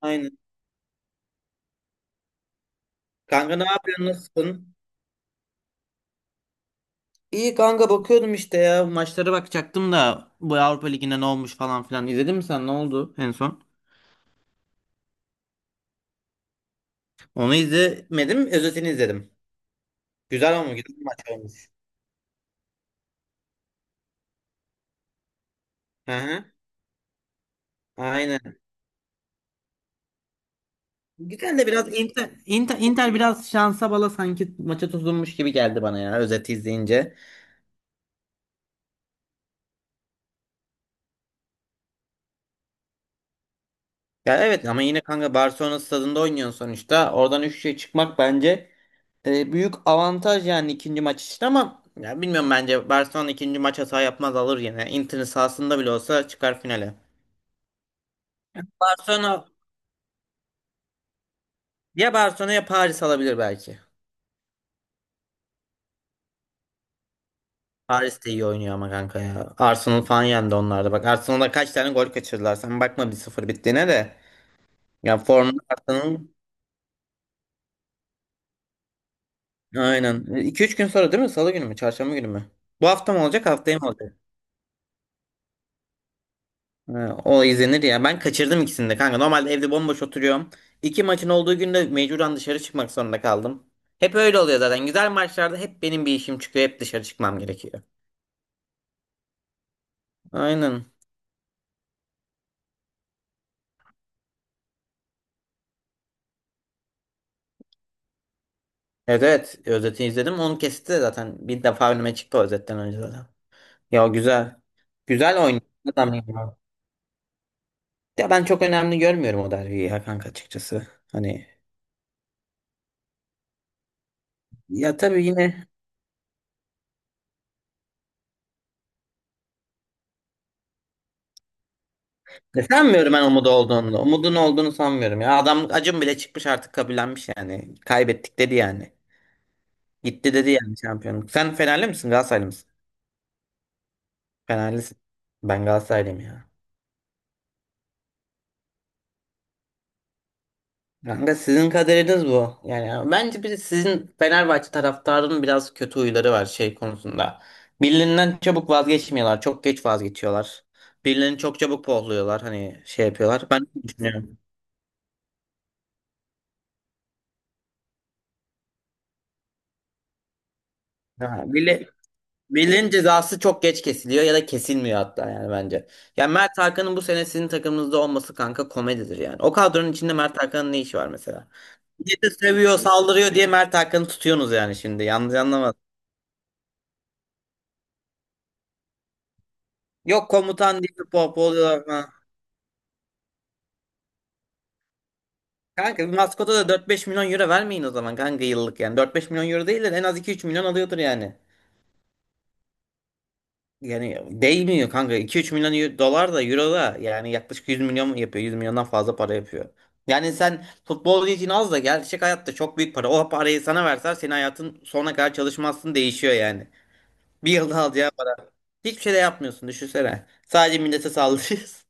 Aynen. Kanka ne yapıyorsun? Nasılsın? İyi kanka, bakıyordum işte ya. Maçlara bakacaktım da bu Avrupa Ligi'nde ne olmuş falan filan. İzledin mi sen? Ne oldu en son? Onu izlemedim. Özetini izledim. Güzel olmuş. Güzel bir maç olmuş. Hı hı. Aynen. Güzel de biraz Inter biraz şansa bala sanki maça tutunmuş gibi geldi bana ya özeti izleyince. Ya evet, ama yine kanka Barcelona stadında oynuyorsun sonuçta. Oradan 3 şey çıkmak bence e, büyük avantaj yani ikinci maç için. Ama ya bilmiyorum, bence Barcelona ikinci maç hata yapmaz, alır yine. Inter'in sahasında bile olsa çıkar finale. Barcelona ya Barcelona ya Paris alabilir belki. Paris de iyi oynuyor ama kanka ya. Arsenal falan yendi onlarda. Bak Arsenal'da kaç tane gol kaçırdılar. Sen bakma 1-0 bittiğine de. Ya formda Arsenal, aynen. iki üç gün sonra değil mi? Salı günü mü? Çarşamba günü mü? Bu hafta mı olacak? Haftaya mı olacak? Ha, o izlenir ya. Ben kaçırdım ikisini de kanka. Normalde evde bomboş oturuyorum. İki maçın olduğu günde mecburen dışarı çıkmak zorunda kaldım. Hep öyle oluyor zaten. Güzel maçlarda hep benim bir işim çıkıyor. Hep dışarı çıkmam gerekiyor. Aynen. Evet evet, özeti izledim. Onu kesti de zaten. Bir defa önüme çıktı o özetten önce zaten. Ya güzel. Güzel oynuyor. Adam ya. Ya ben çok önemli görmüyorum o derbiyi ya kanka açıkçası. Hani, ya tabii yine, ne sanmıyorum ben Umut'u olduğunu. Umudun olduğunu sanmıyorum ya. Adam acım bile çıkmış, artık kabullenmiş yani. Kaybettik dedi yani. Gitti dedi yani şampiyonluk. Sen Fenerli misin, Galatasaraylı mısın? Fenerlisin. Ben Galatasaraylıyım ya. Kanka sizin kaderiniz bu. Yani bence bir sizin Fenerbahçe taraftarının biraz kötü huyları var şey konusunda. Birilerinden çabuk vazgeçmiyorlar. Çok geç vazgeçiyorlar. Birilerini çok çabuk pohluyorlar. Hani şey yapıyorlar. Ben öyle düşünüyorum. Ha, bile. Miller'in cezası çok geç kesiliyor ya da kesilmiyor hatta yani bence. Yani Mert Hakan'ın bu sene sizin takımınızda olması kanka komedidir yani. O kadronun içinde Mert Hakan'ın ne işi var mesela? Bir de seviyor, saldırıyor diye Mert Hakan'ı tutuyorsunuz yani şimdi. Yanlış anlamadım. Yok komutan diye pop oluyorlar falan. Kanka bir maskota da 4-5 milyon euro vermeyin o zaman kanka, yıllık yani. 4-5 milyon euro değil de en az iki üç milyon alıyordur yani. Yani değmiyor kanka. 2 üç milyon dolar da euro da yani yaklaşık 100 milyon yapıyor. 100 milyondan fazla para yapıyor. Yani sen futbolcu için az da gerçek hayatta çok büyük para. O parayı sana verseler senin hayatın sonuna kadar çalışmazsın, değişiyor yani. Bir yılda alacağı para. Hiçbir şey de yapmıyorsun düşünsene. Sadece millete saldırıyorsun.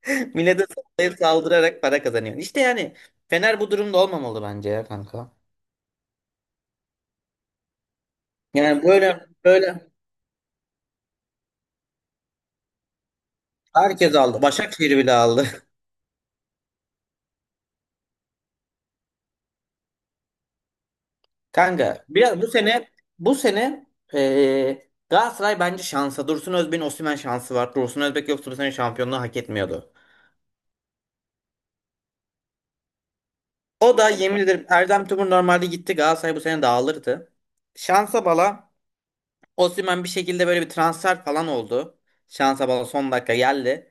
Millete sallayıp saldırarak para kazanıyorsun. İşte yani Fener bu durumda olmamalı bence ya kanka. Yani böyle böyle herkes aldı. Başakşehir bile aldı. Kanka bir, bu sene bu sene Galatasaray bence şansa. Dursun Özbek'in Osimhen şansı var. Dursun Özbek yoksa bu sene şampiyonluğu hak etmiyordu. O da yemin ederim Erdem Tümur normalde gitti. Galatasaray bu sene dağılırdı. Şansa bala Osimhen bir şekilde böyle bir transfer falan oldu. Şansa bala son dakika geldi.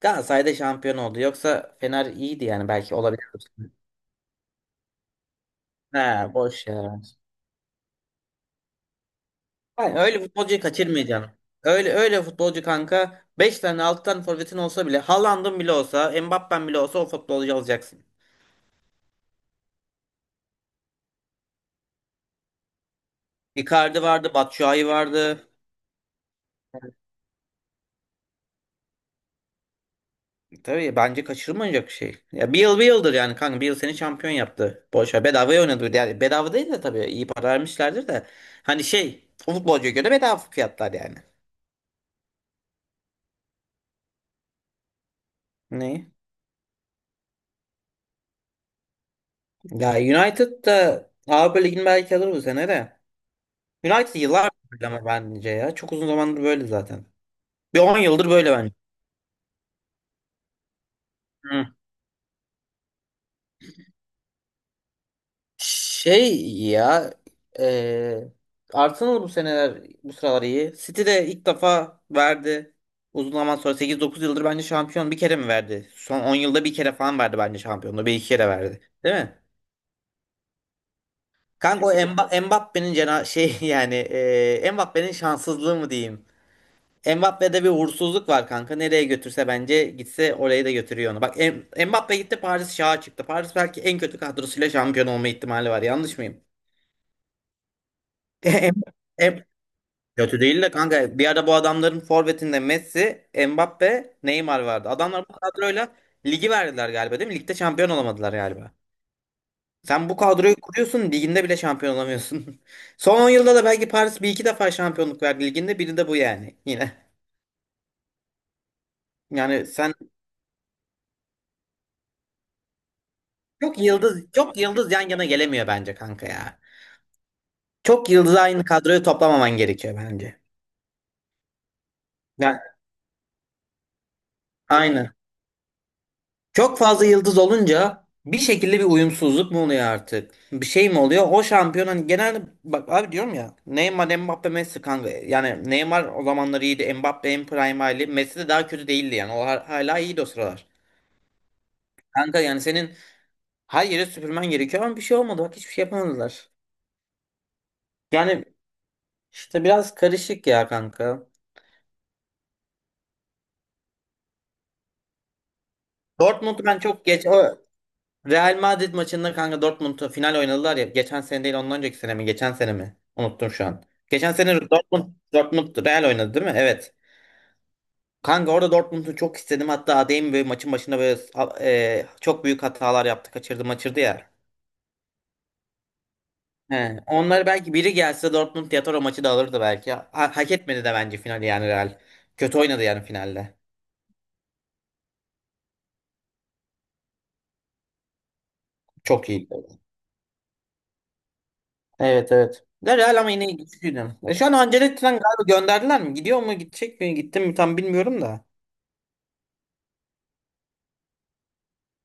Galatasaray da şampiyon oldu. Yoksa Fener iyiydi, yani belki olabilir. He boş ya. Yani öyle futbolcuyu kaçırmayacaksın. Öyle futbolcu kanka, 5 tane 6 tane forvetin olsa bile, Haaland'ın bile olsa, Mbappen bile olsa o futbolcuyu alacaksın. Icardi vardı, Batshuayi vardı. Tabii bence kaçırılmayacak bir şey. Ya bir yıl, bir yıldır yani kanka, bir yıl seni şampiyon yaptı. Boşa bedavaya oynadı. Yani bedava değil de tabii iyi para vermişlerdir de. Hani şey, o futbolcuya göre bedava fiyatlar yani. Ne? Ya United da Avrupa Ligi'ni belki alır bu sene de. United yıllar, ama bence ya çok uzun zamandır böyle zaten. Bir 10 yıldır böyle bence. Hı. Şey ya, eee Arsenal bu seneler bu sıralar iyi. City de ilk defa verdi. Uzun zaman sonra sekiz dokuz yıldır bence şampiyon bir kere mi verdi? Son 10 yılda bir kere falan verdi bence şampiyonluğu. Bir iki kere verdi. Değil mi? Kanka o Mbappé'nin cena şey, yani Mbappé'nin şanssızlığı mı diyeyim? Mbappe'de bir uğursuzluk var kanka. Nereye götürse bence gitse oraya da götürüyor onu. Bak Mbappe gitti, Paris şaha çıktı. Paris belki en kötü kadrosuyla şampiyon olma ihtimali var. Yanlış mıyım? Em- em- Kötü değil de kanka, bir ara bu adamların forvetinde Messi, Mbappe, Neymar vardı. Adamlar bu kadroyla ligi verdiler galiba değil mi? Ligde şampiyon olamadılar galiba. Sen bu kadroyu kuruyorsun, liginde bile şampiyon olamıyorsun. Son 10 yılda da belki Paris bir iki defa şampiyonluk verdi liginde, biri de bu yani yine. Yani sen Çok yıldız yan yana gelemiyor bence kanka ya. Çok yıldız aynı kadroyu toplamaman gerekiyor bence. Yani aynı. Çok fazla yıldız olunca bir şekilde bir uyumsuzluk mu oluyor artık? Bir şey mi oluyor? O şampiyon, hani genelde bak abi, diyorum ya Neymar, Mbappe, Messi kanka. Yani Neymar o zamanlar iyiydi. Mbappe en prime hali. Messi de daha kötü değildi yani. O hala iyiydi o sıralar. Kanka yani senin her yere süpürmen gerekiyor ama bir şey olmadı. Bak hiçbir şey yapamadılar. Yani işte biraz karışık ya kanka. Dortmund, ben çok geç o Real Madrid maçında kanka Dortmund'u final oynadılar ya. Geçen sene değil, ondan önceki sene mi? Geçen sene mi? Unuttum şu an. Geçen sene Dortmund Real oynadı değil mi? Evet. Kanka orada Dortmund'u çok istedim. Hatta Adeyemi böyle maçın başında böyle çok büyük hatalar yaptı. Kaçırdı maçırdı ya. He. Onları belki biri gelse Dortmund Yatoro maçı da alırdı belki. Hak etmedi de bence finali yani Real. Kötü oynadı yani finalde. Çok iyi. Evet evet. Ya Real ama yine güçlüydü. E şu an Ancelotti'den galiba gönderdiler mi? Gidiyor mu, gidecek mi? Gitti mi tam bilmiyorum da.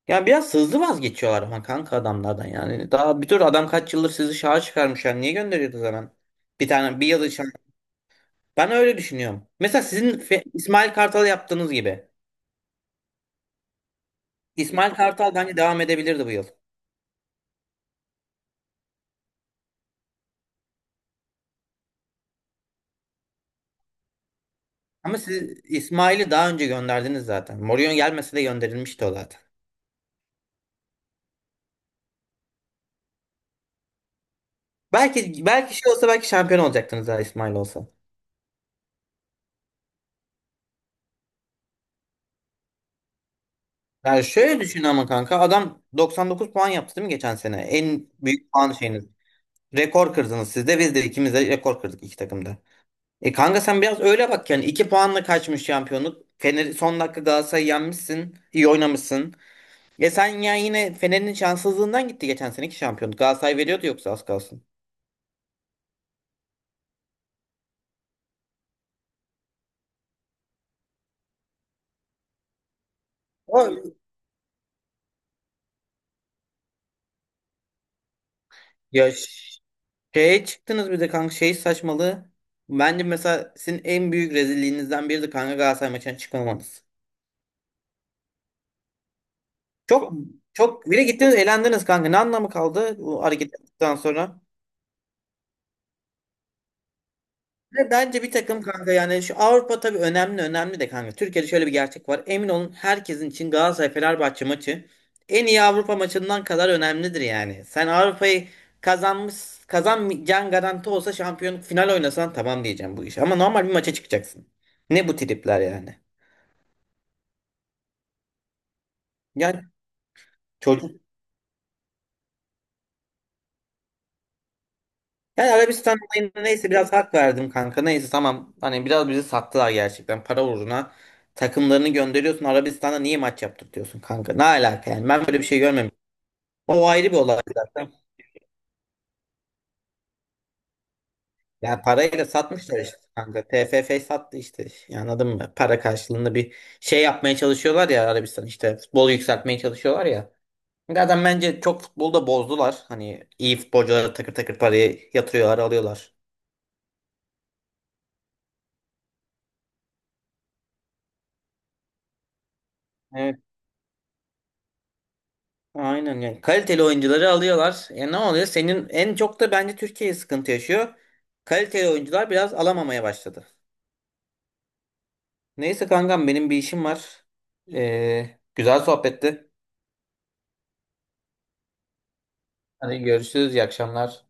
Yani biraz hızlı vazgeçiyorlar ama kanka adamlardan yani. Daha bir tür adam kaç yıldır sizi şaha çıkarmış yani. Niye gönderiyordu zaman? Bir tane bir yıl için. Ben öyle düşünüyorum. Mesela sizin İsmail Kartal'ı yaptığınız gibi. İsmail Kartal bence devam edebilirdi bu yıl. Ama siz İsmail'i daha önce gönderdiniz zaten. Mourinho gelmese de gönderilmişti o zaten. Belki şey olsa belki şampiyon olacaktınız eğer İsmail olsa. Yani şöyle düşün ama kanka, adam 99 puan yaptı değil mi geçen sene? En büyük puan şeyiniz. Rekor kırdınız, siz de biz de ikimiz de rekor kırdık iki takımda. E kanka sen biraz öyle bak yani, 2 puanla kaçmış şampiyonluk. Fener son dakika Galatasaray'ı yenmişsin. İyi oynamışsın. E sen ya yine Fener'in şanssızlığından gitti geçen seneki şampiyonluk. Galatasaray veriyordu yoksa az kalsın. O ya şeye çıktınız bir de kanka, şey saçmalığı. Bence mesela sizin en büyük rezilliğinizden biri de kanka Galatasaray maçına çıkmamanız. Çok çok bile gittiniz elendiniz kanka. Ne anlamı kaldı bu hareket ettikten sonra? Ve bence bir takım kanka, yani şu Avrupa tabii önemli, önemli de kanka. Türkiye'de şöyle bir gerçek var. Emin olun herkesin için Galatasaray Fenerbahçe maçı en iyi Avrupa maçından kadar önemlidir yani. Sen Avrupa'yı kazanmış, kazanmayacağın garanti olsa, şampiyonluk final oynasan, tamam diyeceğim bu iş. Ama normal bir maça çıkacaksın. Ne bu tripler yani? Yani çocuk, yani Arabistan olayına neyse biraz hak verdim kanka. Neyse tamam. Hani biraz bizi sattılar gerçekten. Para uğruna takımlarını gönderiyorsun. Arabistan'da niye maç yaptırtıyorsun kanka? Ne alaka yani? Ben böyle bir şey görmemiştim. O ayrı bir olay zaten. Yani parayla satmışlar işte kanka. TFF sattı işte. Yani anladın mı? Para karşılığında bir şey yapmaya çalışıyorlar ya Arabistan işte. Futbol yükseltmeye çalışıyorlar ya. Zaten bence çok futbolda bozdular. Hani iyi futbolcuları takır takır parayı yatırıyorlar, alıyorlar. Aynen yani kaliteli oyuncuları alıyorlar. E ne oluyor? Senin en çok da bence Türkiye sıkıntı yaşıyor. Kaliteli oyuncular biraz alamamaya başladı. Neyse kankam, benim bir işim var. Güzel sohbetti. Hadi görüşürüz. İyi akşamlar.